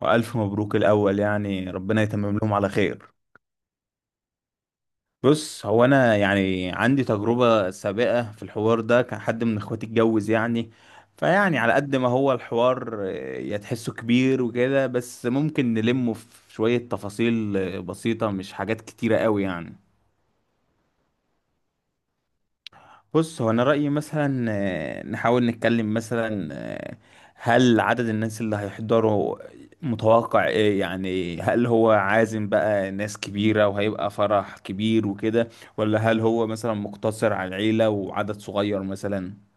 وألف مبروك الأول. يعني ربنا يتمم لهم على خير. بص، هو أنا يعني عندي تجربة سابقة في الحوار ده، كان حد من إخواتي اتجوز يعني، فيعني على قد ما هو الحوار يتحسه كبير وكده، بس ممكن نلمه في شوية تفاصيل بسيطة، مش حاجات كتيرة قوي يعني. بص، هو انا رايي مثلا نحاول نتكلم مثلا، هل عدد الناس اللي هيحضروا متوقع ايه يعني؟ هل هو عازم بقى ناس كبيره وهيبقى فرح كبير وكده، ولا هل هو مثلا مقتصر على العيله وعدد صغير مثلا؟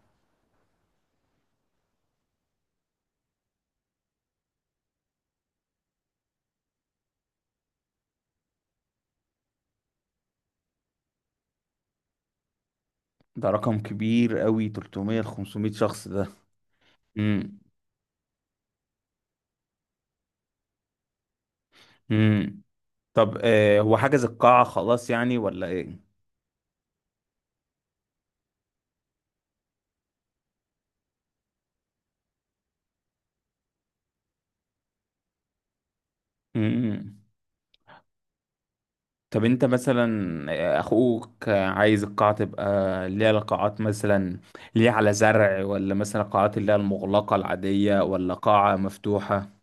ده رقم كبير قوي، 300 ل 500 شخص ده. امم. امم. طب هو حجز القاعه خلاص يعني ولا ايه؟ امم. طب انت مثلا اخوك عايز القاعة تبقى ليها قاعات مثلا، ليها على زرع، ولا مثلا قاعات اللي هي المغلقة العادية، ولا قاعة مفتوحة؟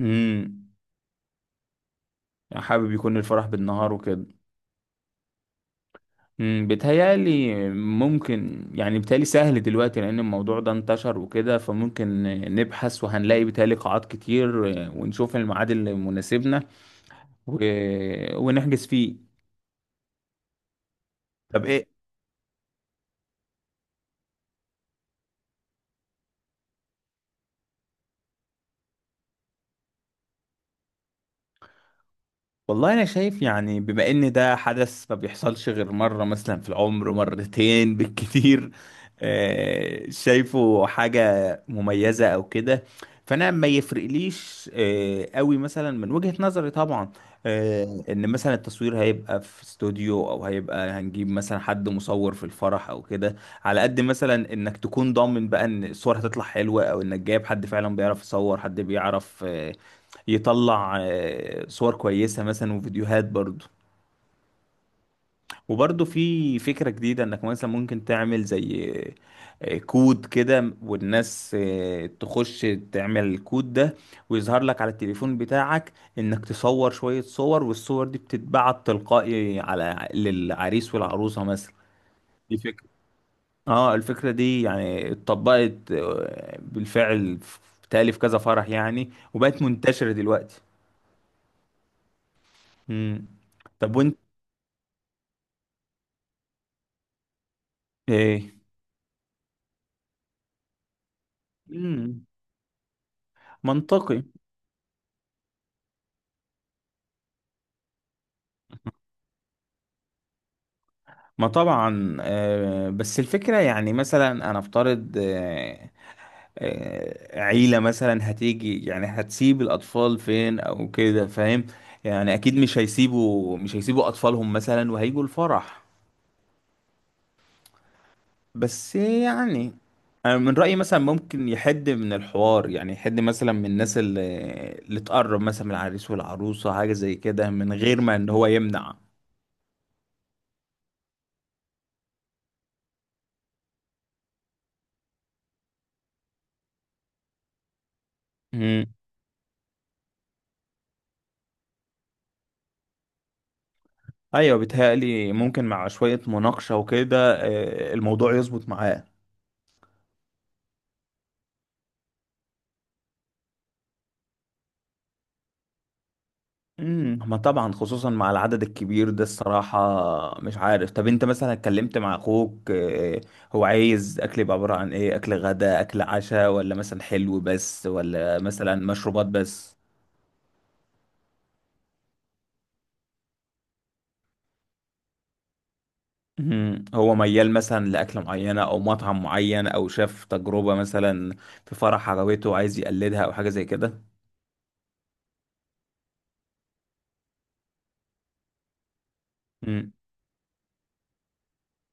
امم. حابب يكون الفرح بالنهار وكده. امم، بيتهيألي ممكن يعني بيتهيألي سهل دلوقتي، لأن الموضوع ده انتشر وكده، فممكن نبحث وهنلاقي بيتهيألي قاعات كتير، ونشوف الميعاد اللي مناسبنا و... ونحجز فيه. طب ايه؟ والله انا شايف يعني، بما ان ده حدث ما بيحصلش غير مره مثلا في العمر، مرتين بالكتير، شايفه حاجه مميزه او كده. فانا ما يفرقليش قوي مثلا من وجهه نظري طبعا، ان مثلا التصوير هيبقى في استوديو، او هيبقى هنجيب مثلا حد مصور في الفرح او كده. على قد مثلا انك تكون ضامن بقى ان الصور هتطلع حلوه، او انك جايب حد فعلا بيعرف يصور، حد بيعرف يطلع صور كويسة مثلا وفيديوهات برضو. وبرضو في فكرة جديدة انك مثلا ممكن تعمل زي كود كده، والناس تخش تعمل الكود ده، ويظهر لك على التليفون بتاعك انك تصور شوية صور، والصور دي بتتبعت تلقائي على للعريس والعروسة مثلا. دي فكرة. اه، الفكرة دي يعني اتطبقت بالفعل بتهيألي في كذا فرح يعني، وبقت منتشرة دلوقتي. مم. طب وانت ايه؟ مم. منطقي. ما طبعا بس الفكرة يعني مثلا أنا أفترض عيلة مثلا هتيجي يعني هتسيب الأطفال فين أو كده، فاهم؟ يعني أكيد مش هيسيبوا أطفالهم مثلا وهيجوا الفرح، بس يعني. أنا من رأيي مثلا ممكن يحد من الحوار يعني، يحد مثلا من الناس اللي تقرب مثلا من العريس والعروسة، حاجة زي كده، من غير ما إن هو يمنع. ايوه، بيتهيألي ممكن مع شوية مناقشة وكده الموضوع يظبط معاه. امم. ما طبعا، خصوصا مع العدد الكبير ده الصراحة، مش عارف. طب انت مثلا اتكلمت مع اخوك هو عايز اكل يبقى عبارة عن ايه؟ اكل غدا، اكل عشاء، ولا مثلا حلو بس، ولا مثلا مشروبات بس؟ امم. هو ميال مثلا لأكلة معينة او مطعم معين، او شاف تجربة مثلا في فرح عجبته عايز يقلدها، او حاجة زي كده؟ امم.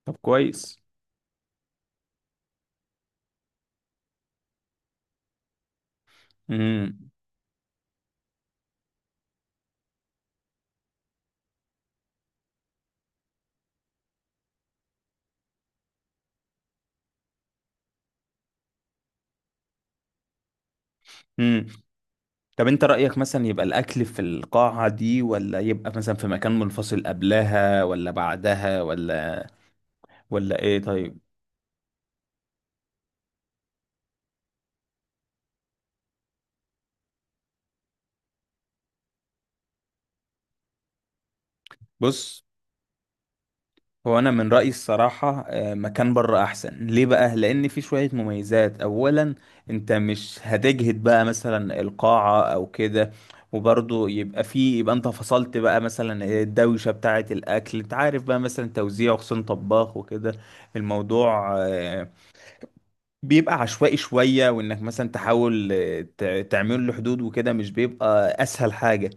طب كويس. امم. مم. طب انت رأيك مثلا يبقى الأكل في القاعة دي، ولا يبقى مثلا في مكان منفصل قبلها ولا بعدها، ولا ايه طيب؟ بص، هو انا من رأيي الصراحة مكان بره احسن. ليه بقى؟ لان في شوية مميزات. اولا، انت مش هتجهد بقى مثلا القاعة او كده. وبرضه يبقى في، يبقى انت فصلت بقى مثلا إيه الدوشة بتاعة الاكل، انت عارف بقى مثلا توزيع، خصوصا طباخ وكده. الموضوع بيبقى عشوائي شوية، وإنك مثلا تحاول تعمل له حدود وكده مش بيبقى أسهل حاجة.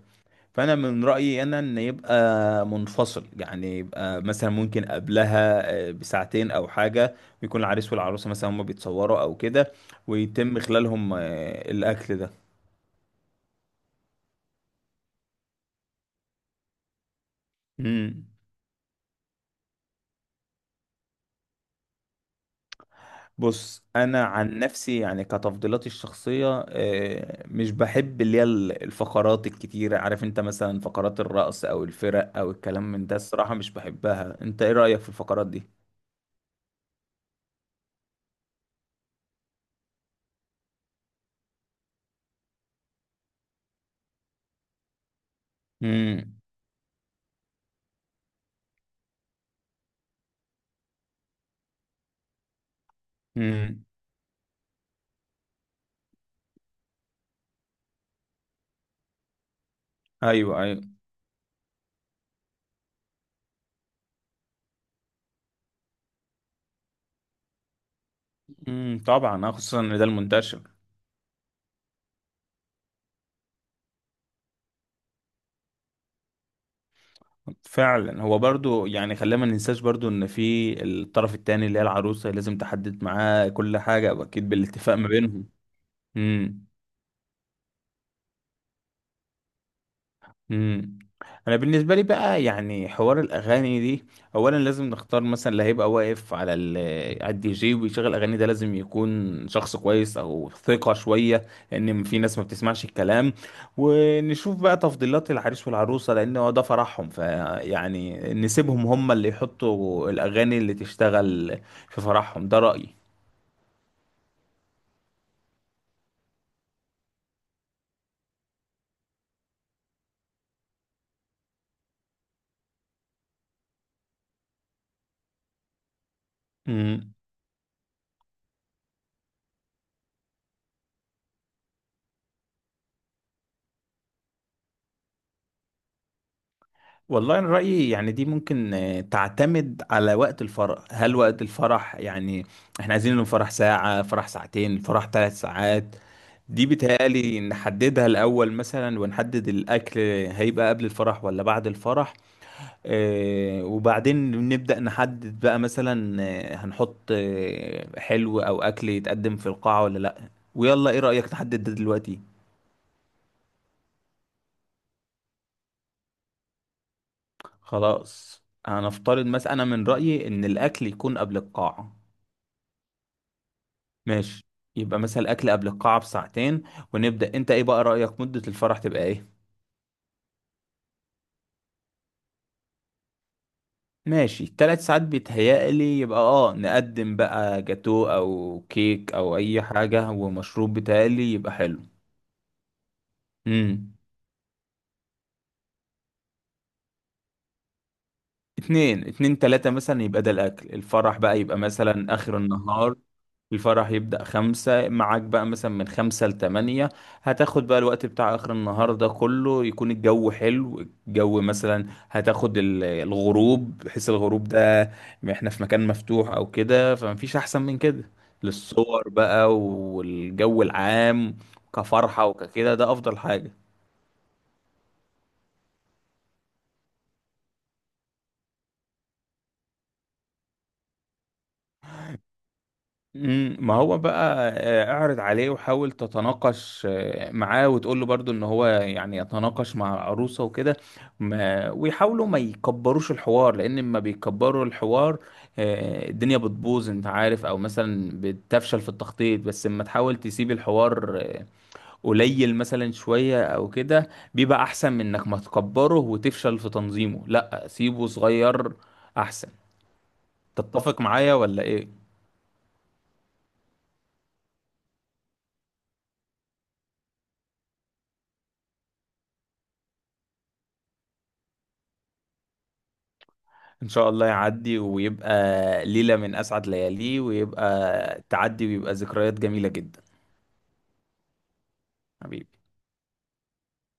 فأنا من رأيي أنا إن يبقى منفصل يعني، يبقى مثلا ممكن قبلها بساعتين أو حاجة، ويكون العريس والعروسة مثلا هما بيتصوروا أو كده، ويتم خلالهم الأكل ده. مم. بص، انا عن نفسي يعني كتفضيلاتي الشخصيه مش بحب اللي هي الفقرات الكتيره، عارف انت مثلا فقرات الرقص او الفرق او الكلام من ده، الصراحه مش بحبها. انت ايه رايك في الفقرات دي؟ امم. امم. ايوه، ايوه. امم، طبعا خصوصا ان ده المنتشر. فعلا. هو برضو يعني خلينا ما ننساش برضو ان في الطرف التاني اللي هي العروسه، لازم تحدد معاه كل حاجه، واكيد بالاتفاق ما بينهم. امم. امم. انا بالنسبه لي بقى يعني حوار الاغاني دي، اولا لازم نختار مثلا اللي هيبقى واقف على على الدي جي ويشغل اغاني ده، لازم يكون شخص كويس او ثقه شويه، لان في ناس ما بتسمعش الكلام. ونشوف بقى تفضيلات العريس والعروسه، لان هو ده فرحهم، فيعني نسيبهم هم اللي يحطوا الاغاني اللي تشتغل في فرحهم. ده رايي. والله أنا رأيي يعني دي ممكن تعتمد على وقت الفرح. هل وقت الفرح يعني احنا عايزين إنه فرح ساعة، فرح ساعتين، فرح 3 ساعات؟ دي بتهيألي نحددها الأول مثلا، ونحدد الأكل هيبقى قبل الفرح ولا بعد الفرح. وبعدين نبدأ نحدد بقى مثلا هنحط حلو أو أكل يتقدم في القاعة ولا لأ. ويلا إيه رأيك نحدد ده دلوقتي. خلاص، هنفترض مثلا أنا من رأيي إن الأكل يكون قبل القاعة. ماشي. يبقى مثلا الاكل قبل القاعه بساعتين. ونبدا، انت ايه بقى رايك مده الفرح تبقى ايه؟ ماشي، 3 ساعات بيتهيألي يبقى اه. نقدم بقى جاتو او كيك او اي حاجه ومشروب، بيتهيألي يبقى حلو. امم. اتنين، اتنين تلاتة مثلا يبقى ده الاكل، الفرح بقى يبقى مثلا اخر النهار. الفرح يبدأ خمسة، معاك بقى مثلا من خمسة لتمانية. هتاخد بقى الوقت بتاع آخر النهار ده كله يكون الجو حلو. الجو مثلا هتاخد الغروب، بحيث الغروب ده احنا في مكان مفتوح أو كده، فمفيش أحسن من كده للصور بقى والجو العام. كفرحة وككده ده أفضل حاجة. ما هو بقى اعرض عليه وحاول تتناقش معاه، وتقول له برضو ان هو يعني يتناقش مع العروسة وكده، ويحاولوا ما يكبروش الحوار. لان لما بيكبروا الحوار الدنيا بتبوظ، انت عارف، او مثلا بتفشل في التخطيط. بس لما تحاول تسيب الحوار قليل مثلا شوية او كده، بيبقى احسن من انك ما تكبره وتفشل في تنظيمه. لا، سيبه صغير احسن. تتفق معايا ولا ايه؟ ان شاء الله يعدي، ويبقى ليلة من اسعد لياليه، ويبقى تعدي، ويبقى ذكريات جميلة جدا. حبيبي.